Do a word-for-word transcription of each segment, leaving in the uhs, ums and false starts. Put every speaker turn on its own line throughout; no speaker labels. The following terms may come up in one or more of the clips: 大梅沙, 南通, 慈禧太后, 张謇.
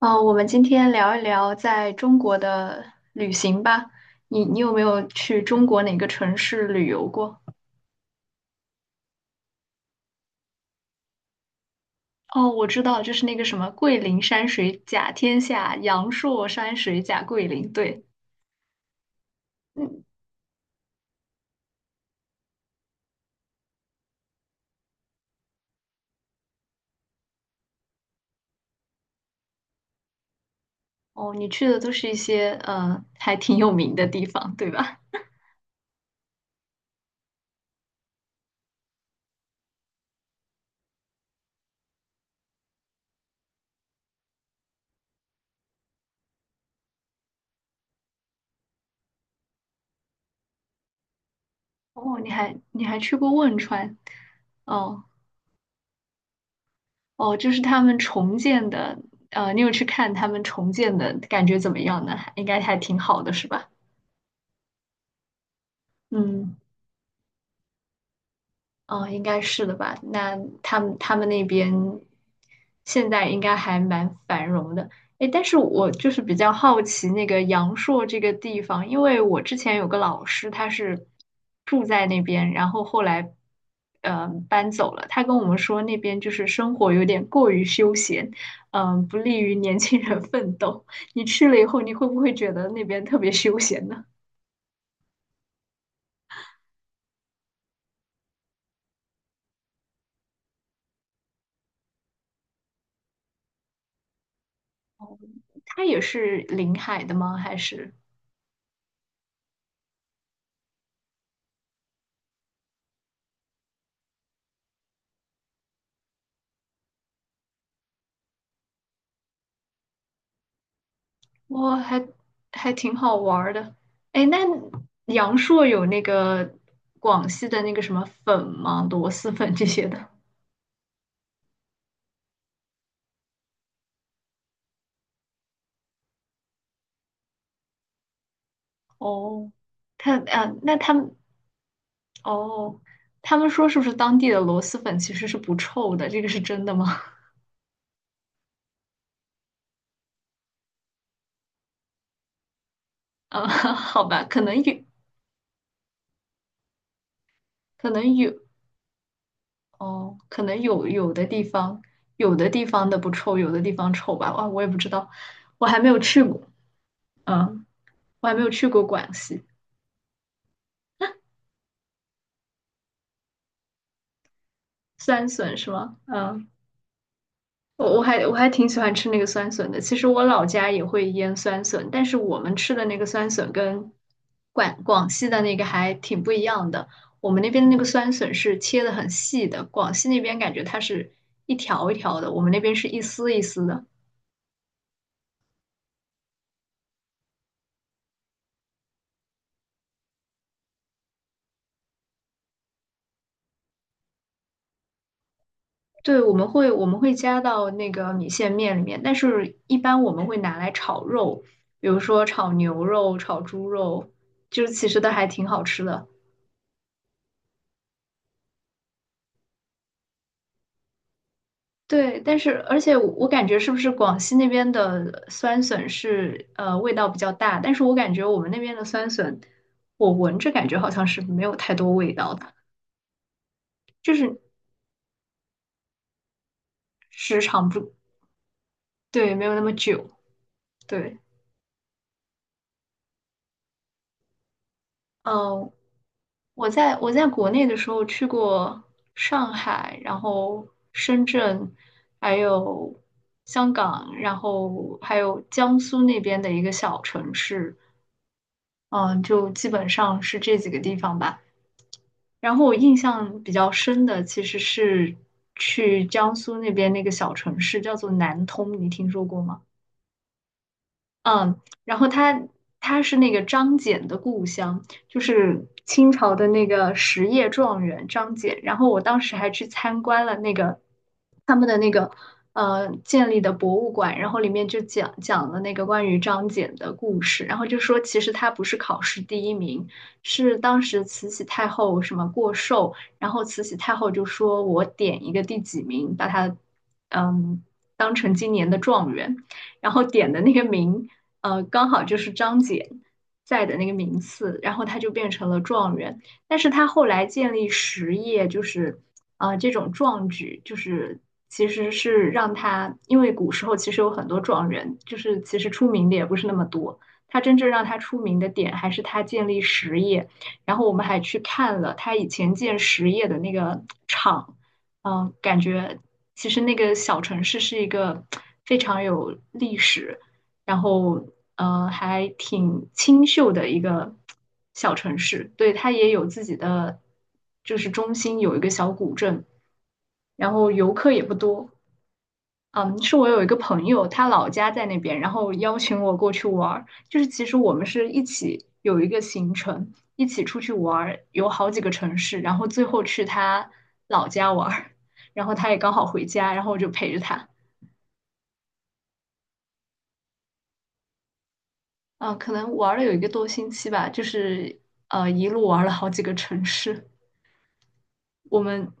嗯，呃我们今天聊一聊在中国的旅行吧。你你有没有去中国哪个城市旅游过？哦，我知道，就是那个什么桂林山水甲天下，阳朔山水甲桂林。对，嗯，哦，你去的都是一些呃还挺有名的地方，对吧？哦，你还你还去过汶川？哦哦，就是他们重建的。呃，你有去看他们重建的感觉怎么样呢？应该还挺好的，是吧？嗯。哦，应该是的吧？那他们他们那边现在应该还蛮繁荣的。诶，但是我就是比较好奇那个阳朔这个地方，因为我之前有个老师，他是住在那边，然后后来呃搬走了。他跟我们说那边就是生活有点过于休闲，嗯、不利于年轻人奋斗。你去了以后，你会不会觉得那边特别休闲呢？他也是临海的吗？还是？哇，还还挺好玩儿的。哎，那阳朔有那个广西的那个什么粉吗？螺蛳粉这些的。哦，他啊，那他们哦，他们说是不是当地的螺蛳粉其实是不臭的？这个是真的吗？啊，好吧，可能有，可能有，哦，可能有有的地方有的地方的不臭，有的地方臭吧。哇，我也不知道，我还没有去过。嗯，我还没有去过广西。酸笋是吗？嗯。我我还我还挺喜欢吃那个酸笋的。其实我老家也会腌酸笋，但是我们吃的那个酸笋跟广广西的那个还挺不一样的。我们那边的那个酸笋是切的很细的，广西那边感觉它是一条一条的，我们那边是一丝一丝的。对，我们会我们会加到那个米线面里面，但是一般我们会拿来炒肉，比如说炒牛肉、炒猪肉，就是其实都还挺好吃的。对，但是而且我我感觉是不是广西那边的酸笋是呃味道比较大，但是我感觉我们那边的酸笋，我闻着感觉好像是没有太多味道的，就是时长不对，没有那么久。对，嗯、我在我在国内的时候去过上海，然后深圳，还有香港，然后还有江苏那边的一个小城市，嗯、就基本上是这几个地方吧。然后我印象比较深的其实是去江苏那边那个小城市，叫做南通，你听说过吗？嗯，然后他他是那个张謇的故乡，就是清朝的那个实业状元张謇。然后我当时还去参观了那个他们的那个呃建立的博物馆，然后里面就讲讲了那个关于张謇的故事，然后就说其实他不是考试第一名，是当时慈禧太后什么过寿，然后慈禧太后就说我点一个第几名，把他嗯当成今年的状元。然后点的那个名，呃，刚好就是张謇在的那个名次，然后他就变成了状元。但是他后来建立实业，就是呃这种壮举，就是其实是让他，因为古时候其实有很多状元，就是其实出名的也不是那么多。他真正让他出名的点还是他建立实业，然后我们还去看了他以前建实业的那个厂。嗯，感觉其实那个小城市是一个非常有历史，然后呃还挺清秀的一个小城市。对，它也有自己的，就是中心有一个小古镇，然后游客也不多。嗯，是我有一个朋友，他老家在那边，然后邀请我过去玩儿。就是其实我们是一起有一个行程，一起出去玩儿，有好几个城市，然后最后去他老家玩儿，然后他也刚好回家，然后我就陪着他。嗯，可能玩了有一个多星期吧，就是呃一路玩了好几个城市。我们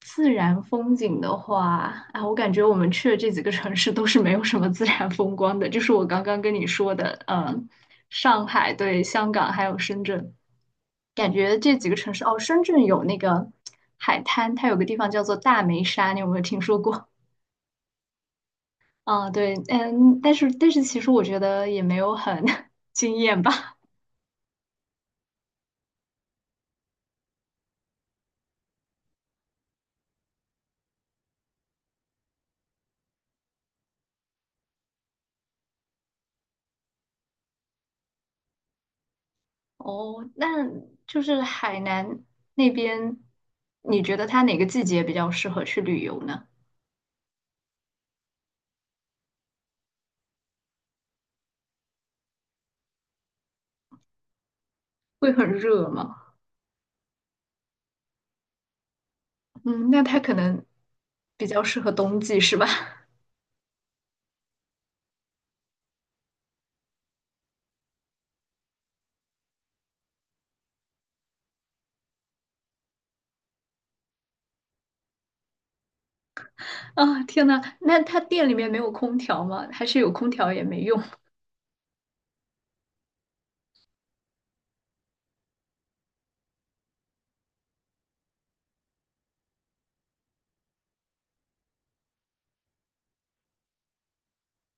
自然风景的话，啊，我感觉我们去的这几个城市都是没有什么自然风光的，就是我刚刚跟你说的，嗯，上海、对，香港还有深圳，感觉这几个城市，哦，深圳有那个海滩，它有个地方叫做大梅沙，你有没有听说过？啊，对，嗯，但是但是其实我觉得也没有很 惊艳吧。哦，那就是海南那边，你觉得它哪个季节比较适合去旅游呢？会很热吗？嗯，那它可能比较适合冬季是吧？啊，天呐，那它店里面没有空调吗？还是有空调也没用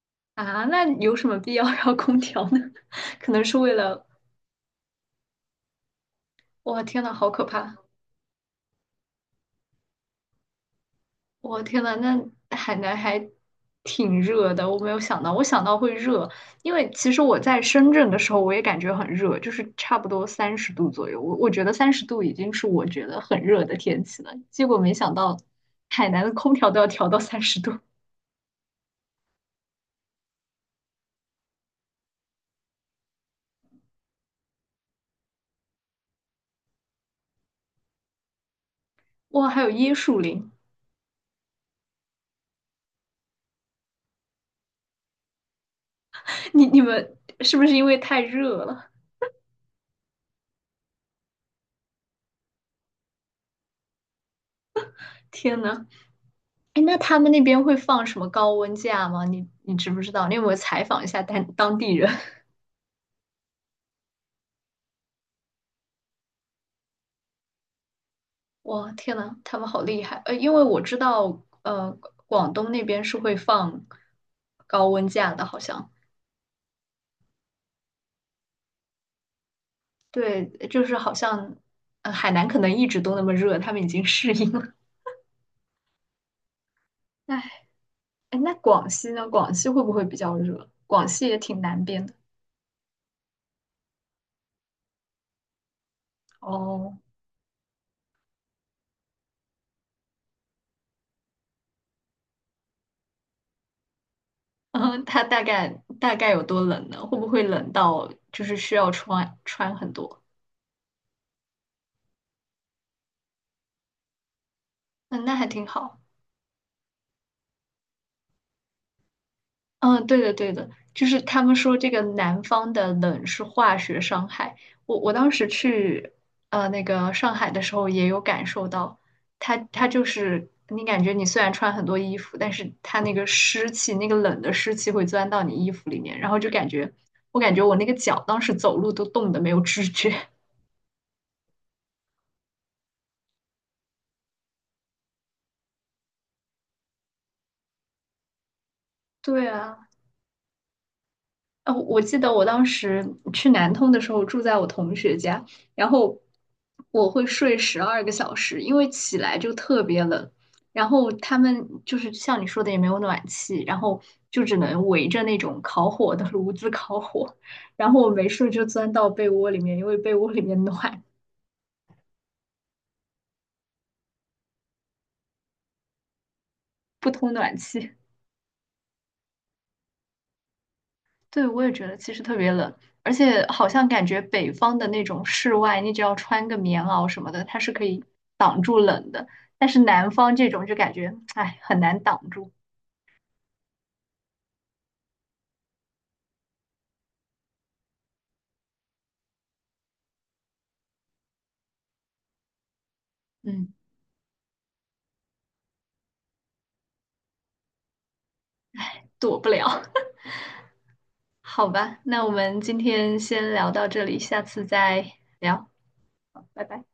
啊？那有什么必要要空调呢？可能是为了，哇，天呐，好可怕！我天呐，那海南还挺热的，我没有想到，我想到会热，因为其实我在深圳的时候我也感觉很热，就是差不多三十度左右，我我觉得三十度已经是我觉得很热的天气了，结果没想到海南的空调都要调到三十度。哇，还有椰树林，你你们是不是因为太热了？天呐，哎，那他们那边会放什么高温假吗？你你知不知道？你有没有采访一下当当地人？哇，天呐，他们好厉害！呃，因为我知道，呃，广东那边是会放高温假的，好像对，就是好像呃，海南可能一直都那么热，他们已经适应了。哎，哎，那广西呢？广西会不会比较热？广西也挺南边的哦。嗯，它大概大概有多冷呢？会不会冷到就是需要穿穿很多？嗯，那还挺好。嗯，对的对的，就是他们说这个南方的冷是化学伤害。我我当时去呃那个上海的时候也有感受到，它它就是你感觉你虽然穿很多衣服，但是它那个湿气，那个冷的湿气会钻到你衣服里面，然后就感觉我感觉我那个脚当时走路都冻得没有知觉。对啊。哦，我记得我当时去南通的时候住在我同学家，然后我会睡十二个小时，因为起来就特别冷。然后他们就是像你说的也没有暖气，然后就只能围着那种烤火的炉子烤火。然后我没事就钻到被窝里面，因为被窝里面暖，不通暖气。对，我也觉得其实特别冷，而且好像感觉北方的那种室外，你只要穿个棉袄什么的，它是可以挡住冷的。但是南方这种就感觉，哎，很难挡住，嗯，躲不了。好吧，那我们今天先聊到这里，下次再聊，拜拜。